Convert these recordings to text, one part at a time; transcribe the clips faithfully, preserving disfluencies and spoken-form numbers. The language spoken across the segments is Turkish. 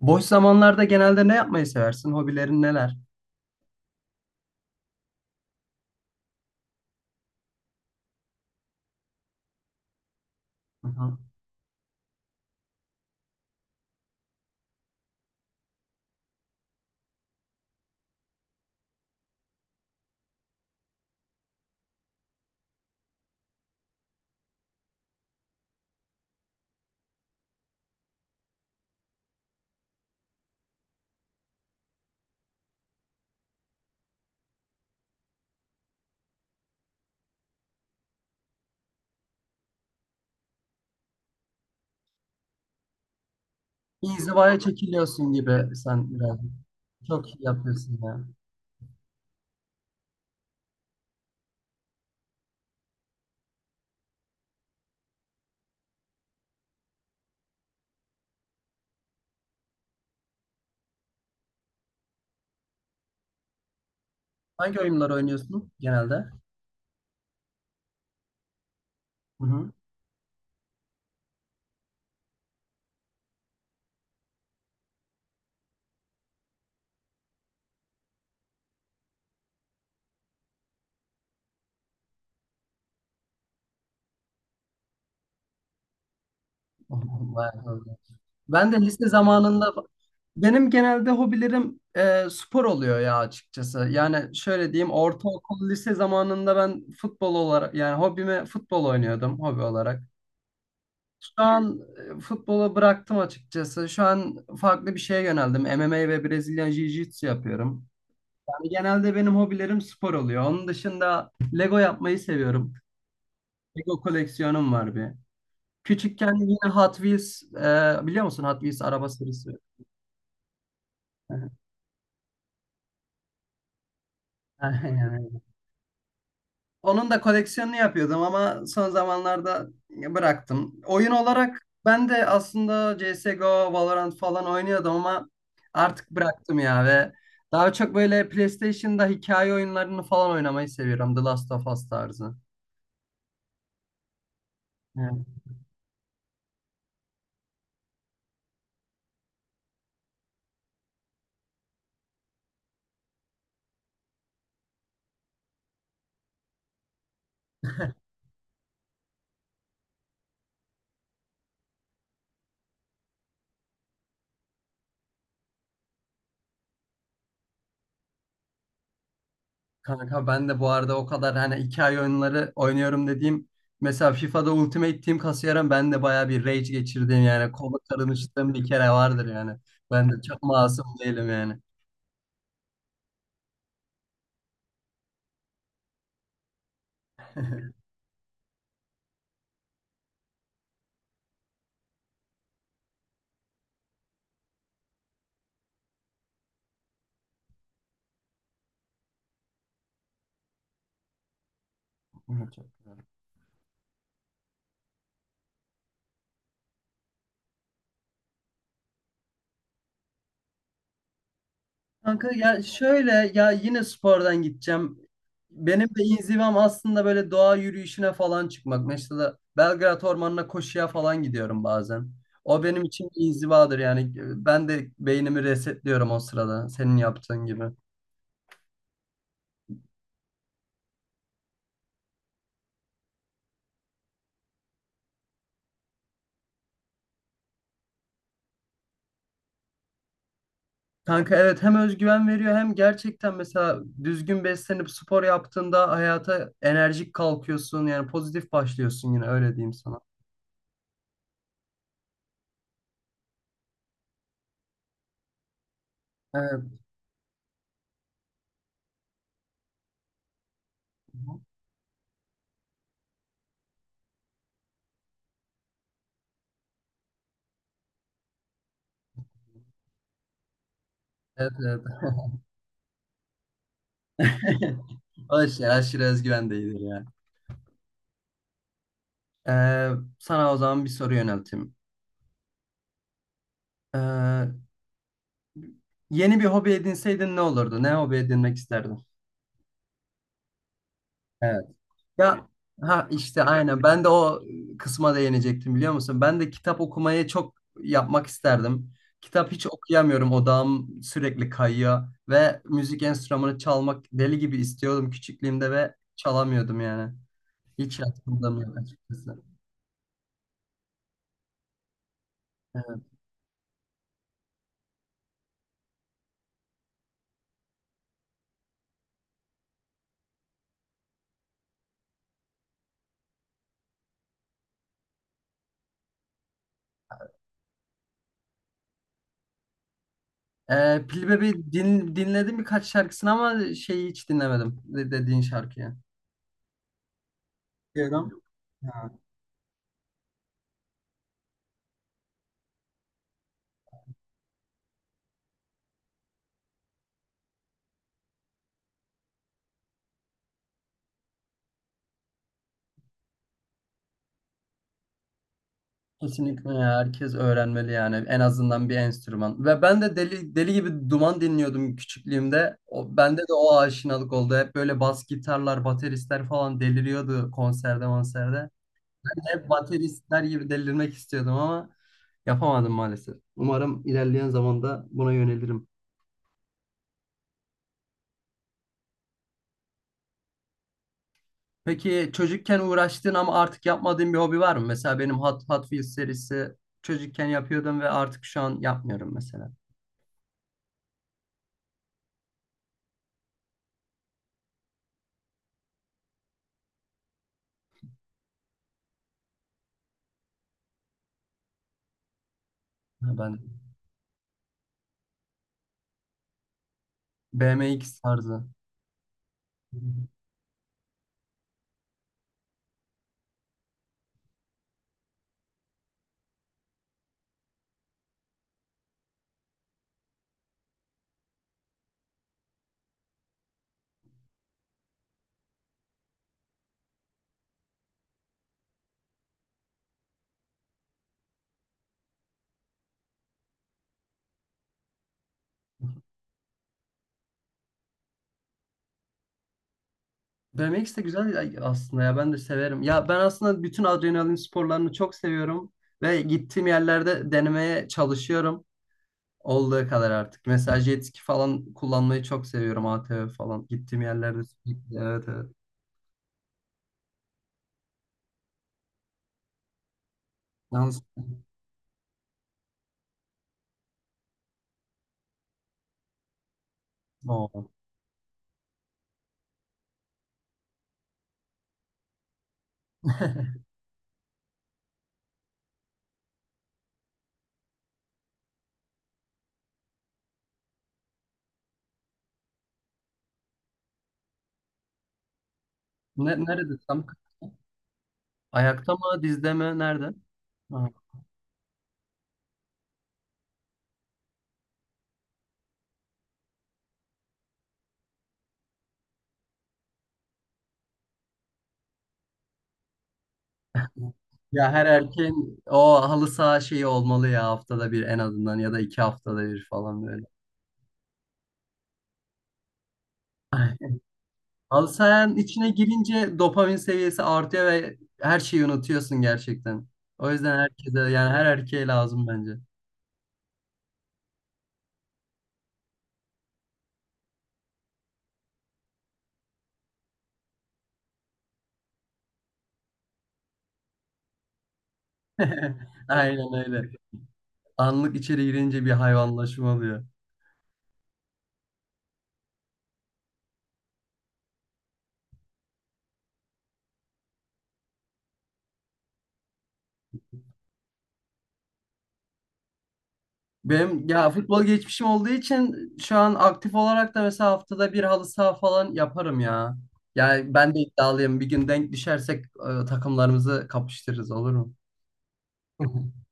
Boş zamanlarda genelde ne yapmayı seversin? Hobilerin neler? Hı hı. İnzivaya çekiliyorsun gibi sen biraz. Çok iyi yapıyorsun ya. Hangi oyunları oynuyorsun genelde? Hı hı. Bayağı doğru. Ben de lise zamanında benim genelde hobilerim e, spor oluyor ya açıkçası. Yani şöyle diyeyim, ortaokul lise zamanında ben futbol olarak, yani hobime futbol oynuyordum hobi olarak. Şu an e, futbolu bıraktım açıkçası. Şu an farklı bir şeye yöneldim. M M A ve Brezilya Jiu-Jitsu yapıyorum. Yani genelde benim hobilerim spor oluyor. Onun dışında Lego yapmayı seviyorum. Lego koleksiyonum var bir. Küçükken yine Hot Wheels, e, biliyor musun Hot Wheels araba serisi? Yani, onun da koleksiyonunu yapıyordum ama son zamanlarda bıraktım. Oyun olarak ben de aslında C S G O, Valorant falan oynuyordum ama artık bıraktım ya, ve daha çok böyle PlayStation'da hikaye oyunlarını falan oynamayı seviyorum. The Last of Us tarzı. Evet. Kanka ben de bu arada, o kadar hani hikaye oyunları oynuyorum dediğim, mesela fifada Ultimate Team kasıyorum, ben de bayağı bir rage geçirdiğim, yani kola karınıştığım bir kere vardır yani. Ben de çok masum değilim yani. Evet, çok. Kanka ya, şöyle ya, yine spordan gideceğim. Benim de inzivam aslında böyle doğa yürüyüşüne falan çıkmak. Mesela Belgrad Ormanı'na koşuya falan gidiyorum bazen. O benim için bir inzivadır yani. Ben de beynimi resetliyorum o sırada, senin yaptığın gibi. Kanka evet, hem özgüven veriyor, hem gerçekten mesela düzgün beslenip spor yaptığında hayata enerjik kalkıyorsun. Yani pozitif başlıyorsun, yine öyle diyeyim sana. Evet. Evet, evet. O işte aşırı özgüven değildir yani. Ee, sana o zaman bir soru yönelteyim. Ee, yeni bir hobi edinseydin ne olurdu? Ne hobi edinmek isterdin? Evet. Ya, ha işte aynen. Ben de o kısma değinecektim, biliyor musun? Ben de kitap okumayı çok yapmak isterdim. Kitap hiç okuyamıyorum. Odağım sürekli kayıyor, ve müzik enstrümanı çalmak deli gibi istiyordum küçüklüğümde ve çalamıyordum yani. Hiç yatkınlığım yok açıkçası. Ee, Pilli Bebek'i din, dinledim birkaç şarkısını, ama şeyi hiç dinlemedim de- dediğin şarkıyı. Diyorum. Ha. Kesinlikle ya, herkes öğrenmeli yani, en azından bir enstrüman. Ve ben de deli deli gibi duman dinliyordum küçüklüğümde. O, bende de o aşinalık oldu. Hep böyle bas gitarlar, bateristler falan deliriyordu konserde, konserde. Hep bateristler gibi delirmek istiyordum ama yapamadım maalesef. Umarım ilerleyen zamanda buna yönelirim. Peki çocukken uğraştığın ama artık yapmadığın bir hobi var mı? Mesela benim Hot, Hot Wheels serisi çocukken yapıyordum ve artık şu an yapmıyorum mesela. Ha, ben B M X tarzı. B M X de güzel aslında ya, ben de severim. Ya ben aslında bütün adrenalin sporlarını çok seviyorum ve gittiğim yerlerde denemeye çalışıyorum, olduğu kadar artık. Mesela jet ski falan kullanmayı çok seviyorum, A T V falan. Gittiğim yerlerde sürekli, evet evet. Yalnız o. Ne, nerede tam? Ayakta mı, dizde mi, nerede? Ha. Ya her erkeğin o halı saha şeyi olmalı ya, haftada bir en azından, ya da iki haftada bir falan böyle. Halı sahanın içine girince dopamin seviyesi artıyor ve her şeyi unutuyorsun gerçekten. O yüzden herkese, yani her erkeğe lazım bence. Aynen öyle. Anlık içeri girince bir hayvanlaşma oluyor. Benim ya futbol geçmişim olduğu için şu an aktif olarak da mesela haftada bir halı saha falan yaparım ya. Yani ben de iddialıyım. Bir gün denk düşersek e, takımlarımızı kapıştırırız, olur mu?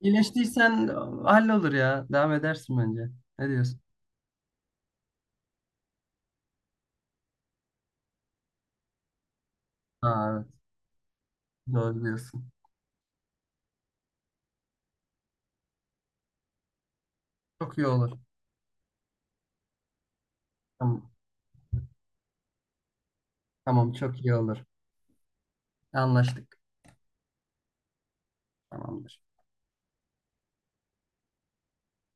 İyileştiysen e, hallolur ya. Devam edersin bence. Ne diyorsun? Ha, evet. Doğru diyorsun. Çok iyi olur. Tamam. Tamam, çok iyi olur. Anlaştık. Tamamdır.